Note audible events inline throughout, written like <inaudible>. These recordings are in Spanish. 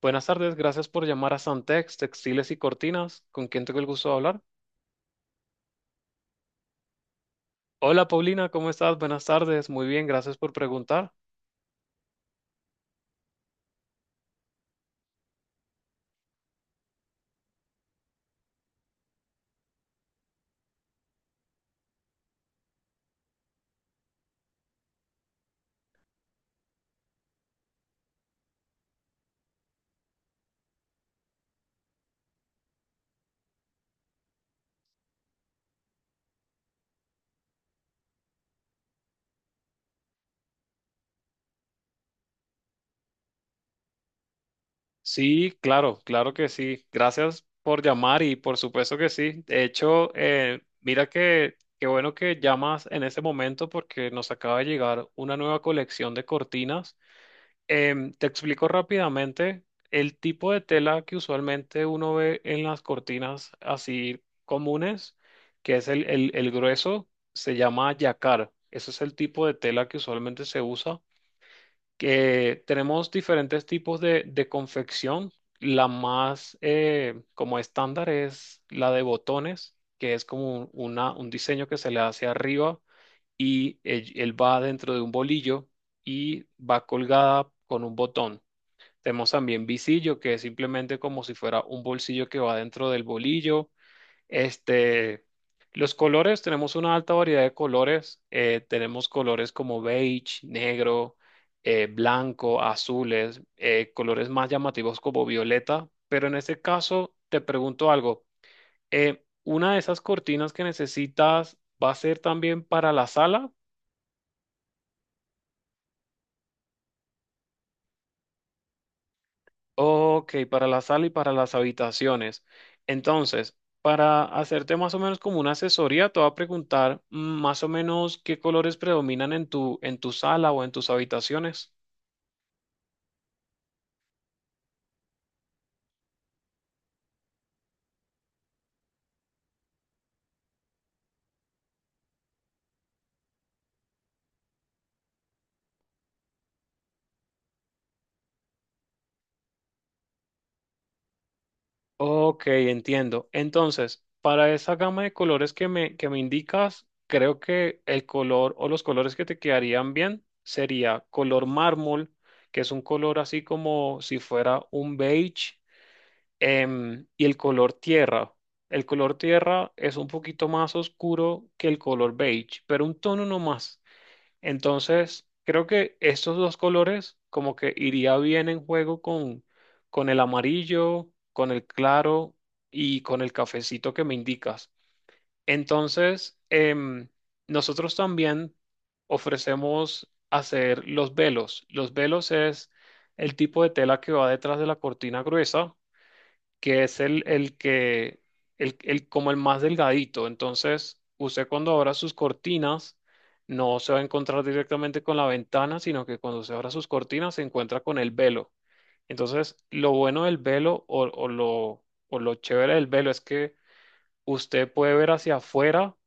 Buenas tardes, gracias por llamar a Santex, Textiles y Cortinas. ¿Con quién tengo el gusto de hablar? Hola Paulina, ¿cómo estás? Buenas tardes, muy bien, gracias por preguntar. Sí, claro, claro que sí. Gracias por llamar y por supuesto que sí. De hecho, mira que qué bueno que llamas en este momento porque nos acaba de llegar una nueva colección de cortinas. Te explico rápidamente el tipo de tela que usualmente uno ve en las cortinas así comunes, que es el grueso, se llama yacar. Ese es el tipo de tela que usualmente se usa. Que tenemos diferentes tipos de confección. La más como estándar es la de botones, que es como un diseño que se le hace arriba y él va dentro de un bolillo y va colgada con un botón. Tenemos también visillo, que es simplemente como si fuera un bolsillo que va dentro del bolillo. Este, los colores, tenemos una alta variedad de colores. Tenemos colores como beige, negro, blanco, azules, colores más llamativos como violeta. Pero en este caso, te pregunto algo. ¿Una de esas cortinas que necesitas va a ser también para la sala? Ok, para la sala y para las habitaciones. Entonces, para hacerte más o menos como una asesoría, te voy a preguntar más o menos qué colores predominan en tu sala o en tus habitaciones. Ok, entiendo. Entonces, para esa gama de colores que que me indicas, creo que el color o los colores que te quedarían bien sería color mármol, que es un color así como si fuera un beige. Y el color tierra. El color tierra es un poquito más oscuro que el color beige, pero un tono no más. Entonces, creo que estos dos colores como que iría bien en juego con el amarillo, con el claro y con el cafecito que me indicas. Entonces, em, nosotros también ofrecemos hacer los velos. Los velos es el tipo de tela que va detrás de la cortina gruesa que es el que como el más delgadito. Entonces, usted cuando abra sus cortinas, no se va a encontrar directamente con la ventana, sino que cuando se abra sus cortinas se encuentra con el velo. Entonces, lo bueno del velo o lo chévere del velo es que usted puede ver hacia afuera,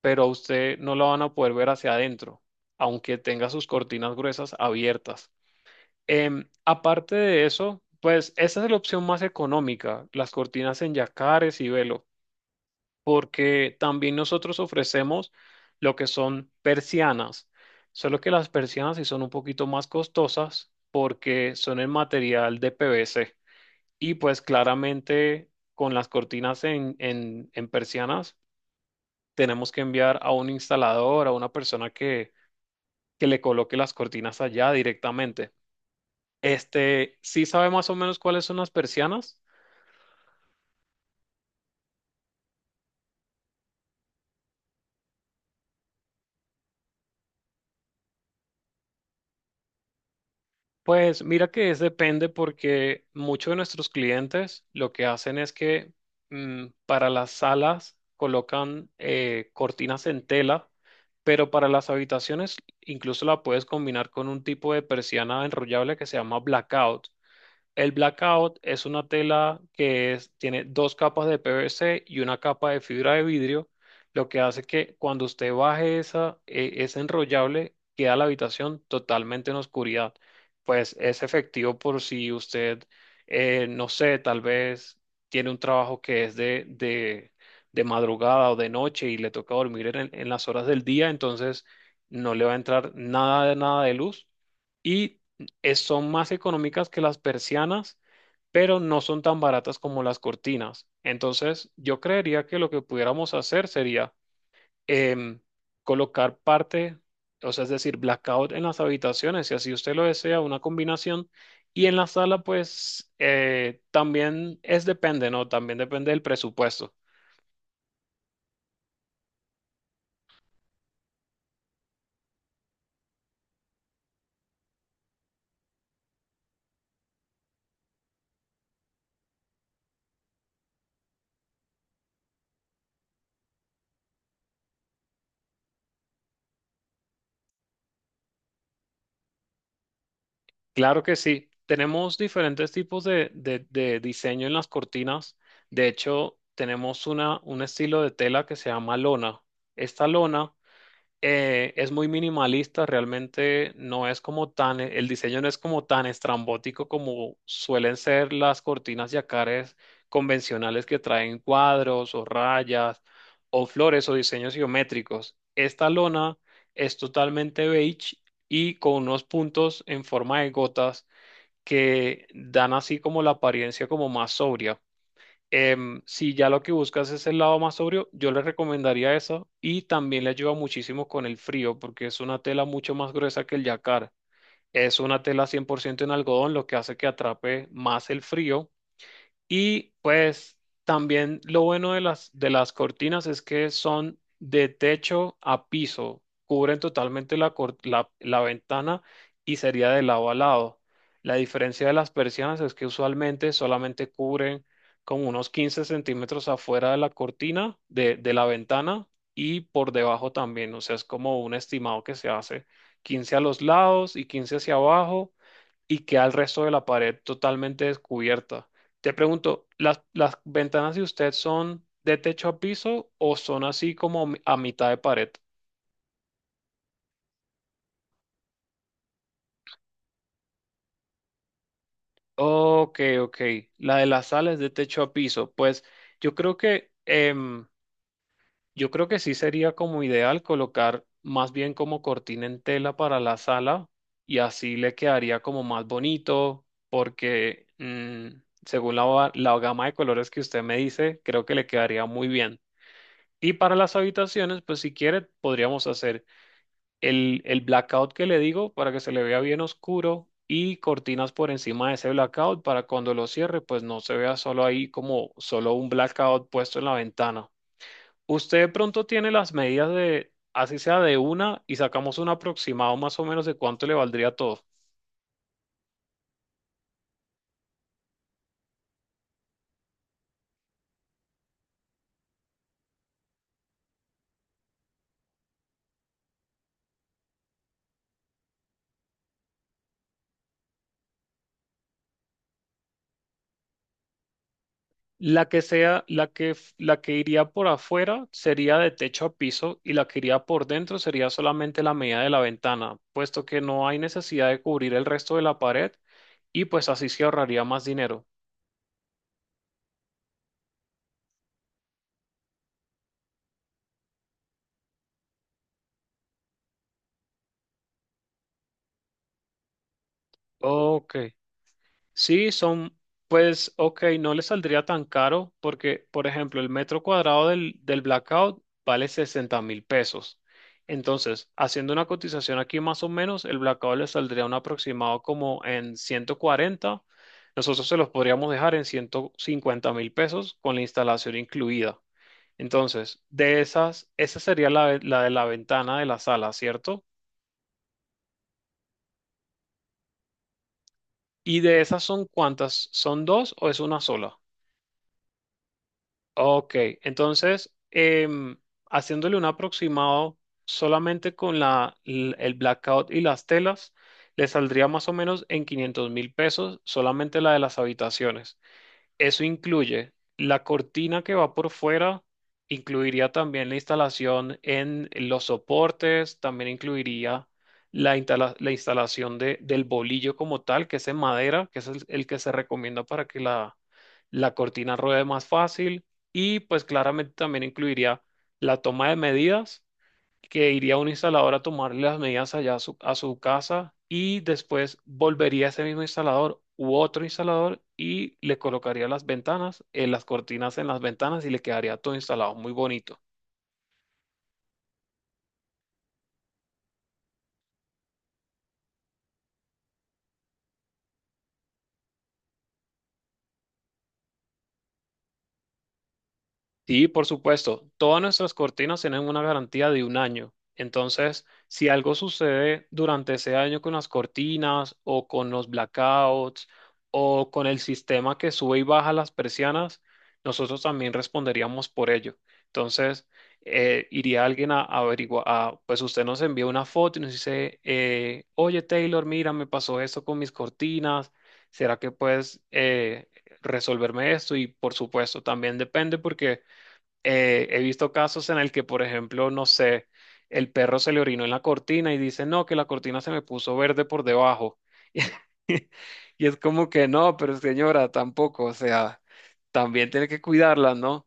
pero a usted no lo van a poder ver hacia adentro, aunque tenga sus cortinas gruesas abiertas. Aparte de eso, pues esa es la opción más económica, las cortinas en yacares y velo, porque también nosotros ofrecemos lo que son persianas, solo que las persianas sí son un poquito más costosas porque son en material de PVC y pues claramente con las cortinas en persianas tenemos que enviar a un instalador, a una persona que le coloque las cortinas allá directamente. Sí sabe más o menos cuáles son las persianas. Pues mira que es depende porque muchos de nuestros clientes lo que hacen es que para las salas colocan cortinas en tela, pero para las habitaciones incluso la puedes combinar con un tipo de persiana enrollable que se llama blackout. El blackout es una tela que tiene dos capas de PVC y una capa de fibra de vidrio, lo que hace que cuando usted baje ese enrollable, queda la habitación totalmente en oscuridad. Pues es efectivo por si usted, no sé, tal vez tiene un trabajo que es de madrugada o de noche y le toca dormir en las horas del día, entonces no le va a entrar nada de nada de luz. Y son más económicas que las persianas, pero no son tan baratas como las cortinas. Entonces, yo creería que lo que pudiéramos hacer sería em, colocar parte, o sea, es decir, blackout en las habitaciones, si así usted lo desea, una combinación. Y en la sala, pues, también es depende, ¿no? También depende del presupuesto. Claro que sí. Tenemos diferentes tipos de diseño en las cortinas. De hecho, tenemos un estilo de tela que se llama lona. Esta lona es muy minimalista, realmente no es como tan, el diseño no es como tan estrambótico como suelen ser las cortinas yacares convencionales que traen cuadros o rayas o flores o diseños geométricos. Esta lona es totalmente beige y con unos puntos en forma de gotas que dan así como la apariencia como más sobria. Si ya lo que buscas es el lado más sobrio, yo les recomendaría eso y también le ayuda muchísimo con el frío porque es una tela mucho más gruesa que el yacar. Es una tela 100% en algodón, lo que hace que atrape más el frío y pues también lo bueno de las cortinas es que son de techo a piso, cubren totalmente la ventana y sería de lado a lado. La diferencia de las persianas es que usualmente solamente cubren como unos 15 centímetros afuera de la cortina, de la ventana y por debajo también. O sea, es como un estimado que se hace 15 a los lados y 15 hacia abajo y queda el resto de la pared totalmente descubierta. Te pregunto, ¿las ventanas de usted son de techo a piso o son así como a mitad de pared? Ok, ok. La de la sala es de techo a piso. Pues yo creo que sí sería como ideal colocar más bien como cortina en tela para la sala y así le quedaría como más bonito porque según la gama de colores que usted me dice, creo que le quedaría muy bien. Y para las habitaciones, pues si quiere, podríamos hacer el blackout que le digo para que se le vea bien oscuro y cortinas por encima de ese blackout para cuando lo cierre, pues no se vea solo ahí como solo un blackout puesto en la ventana. Usted de pronto tiene las medidas de, así sea de una, y sacamos un aproximado más o menos de cuánto le valdría todo. La que sea, la que iría por afuera sería de techo a piso y la que iría por dentro sería solamente la medida de la ventana, puesto que no hay necesidad de cubrir el resto de la pared y pues así se ahorraría más dinero. Ok. Sí, son, pues, ok, no le saldría tan caro porque, por ejemplo, el metro cuadrado del Blackout vale 60.000 pesos. Entonces, haciendo una cotización aquí más o menos, el Blackout le saldría un aproximado como en 140. Nosotros se los podríamos dejar en 150.000 pesos con la instalación incluida. Entonces, de esas, esa sería la de la ventana de la sala, ¿cierto? ¿Y de esas son cuántas? ¿Son dos o es una sola? Ok, entonces, haciéndole un aproximado solamente con el blackout y las telas, le saldría más o menos en 500.000 pesos solamente la de las habitaciones. Eso incluye la cortina que va por fuera, incluiría también la instalación en los soportes, también incluiría la instalación del bolillo como tal, que es en madera, que es el que se recomienda para que la cortina ruede más fácil. Y pues claramente también incluiría la toma de medidas que iría un instalador a tomarle las medidas allá a su, casa y después volvería ese mismo instalador u otro instalador y le colocaría las ventanas, las cortinas en las ventanas y le quedaría todo instalado muy bonito. Sí, por supuesto. Todas nuestras cortinas tienen una garantía de un año. Entonces, si algo sucede durante ese año con las cortinas o con los blackouts o con el sistema que sube y baja las persianas, nosotros también responderíamos por ello. Entonces, iría alguien a averiguar, pues usted nos envía una foto y nos dice, oye Taylor, mira, me pasó esto con mis cortinas. ¿Será que puedes resolverme esto? Y por supuesto, también depende porque he visto casos en el que, por ejemplo, no sé, el perro se le orinó en la cortina y dice, no, que la cortina se me puso verde por debajo. <laughs> Y es como que no, pero señora, tampoco, o sea, también tiene que cuidarla, ¿no?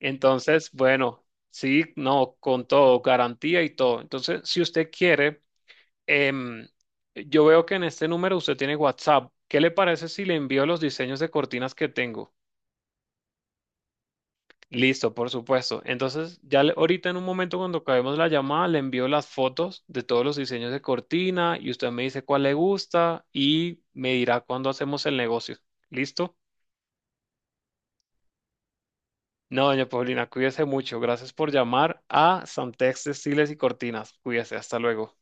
Entonces, bueno, sí, no, con todo, garantía y todo. Entonces, si usted quiere, em, yo veo que en este número usted tiene WhatsApp. ¿Qué le parece si le envío los diseños de cortinas que tengo? Listo, por supuesto. Entonces, ya ahorita en un momento cuando acabemos la llamada, le envío las fotos de todos los diseños de cortina y usted me dice cuál le gusta y me dirá cuándo hacemos el negocio. ¿Listo? No, doña Paulina, cuídese mucho. Gracias por llamar a Santex Estiles y Cortinas. Cuídese, hasta luego.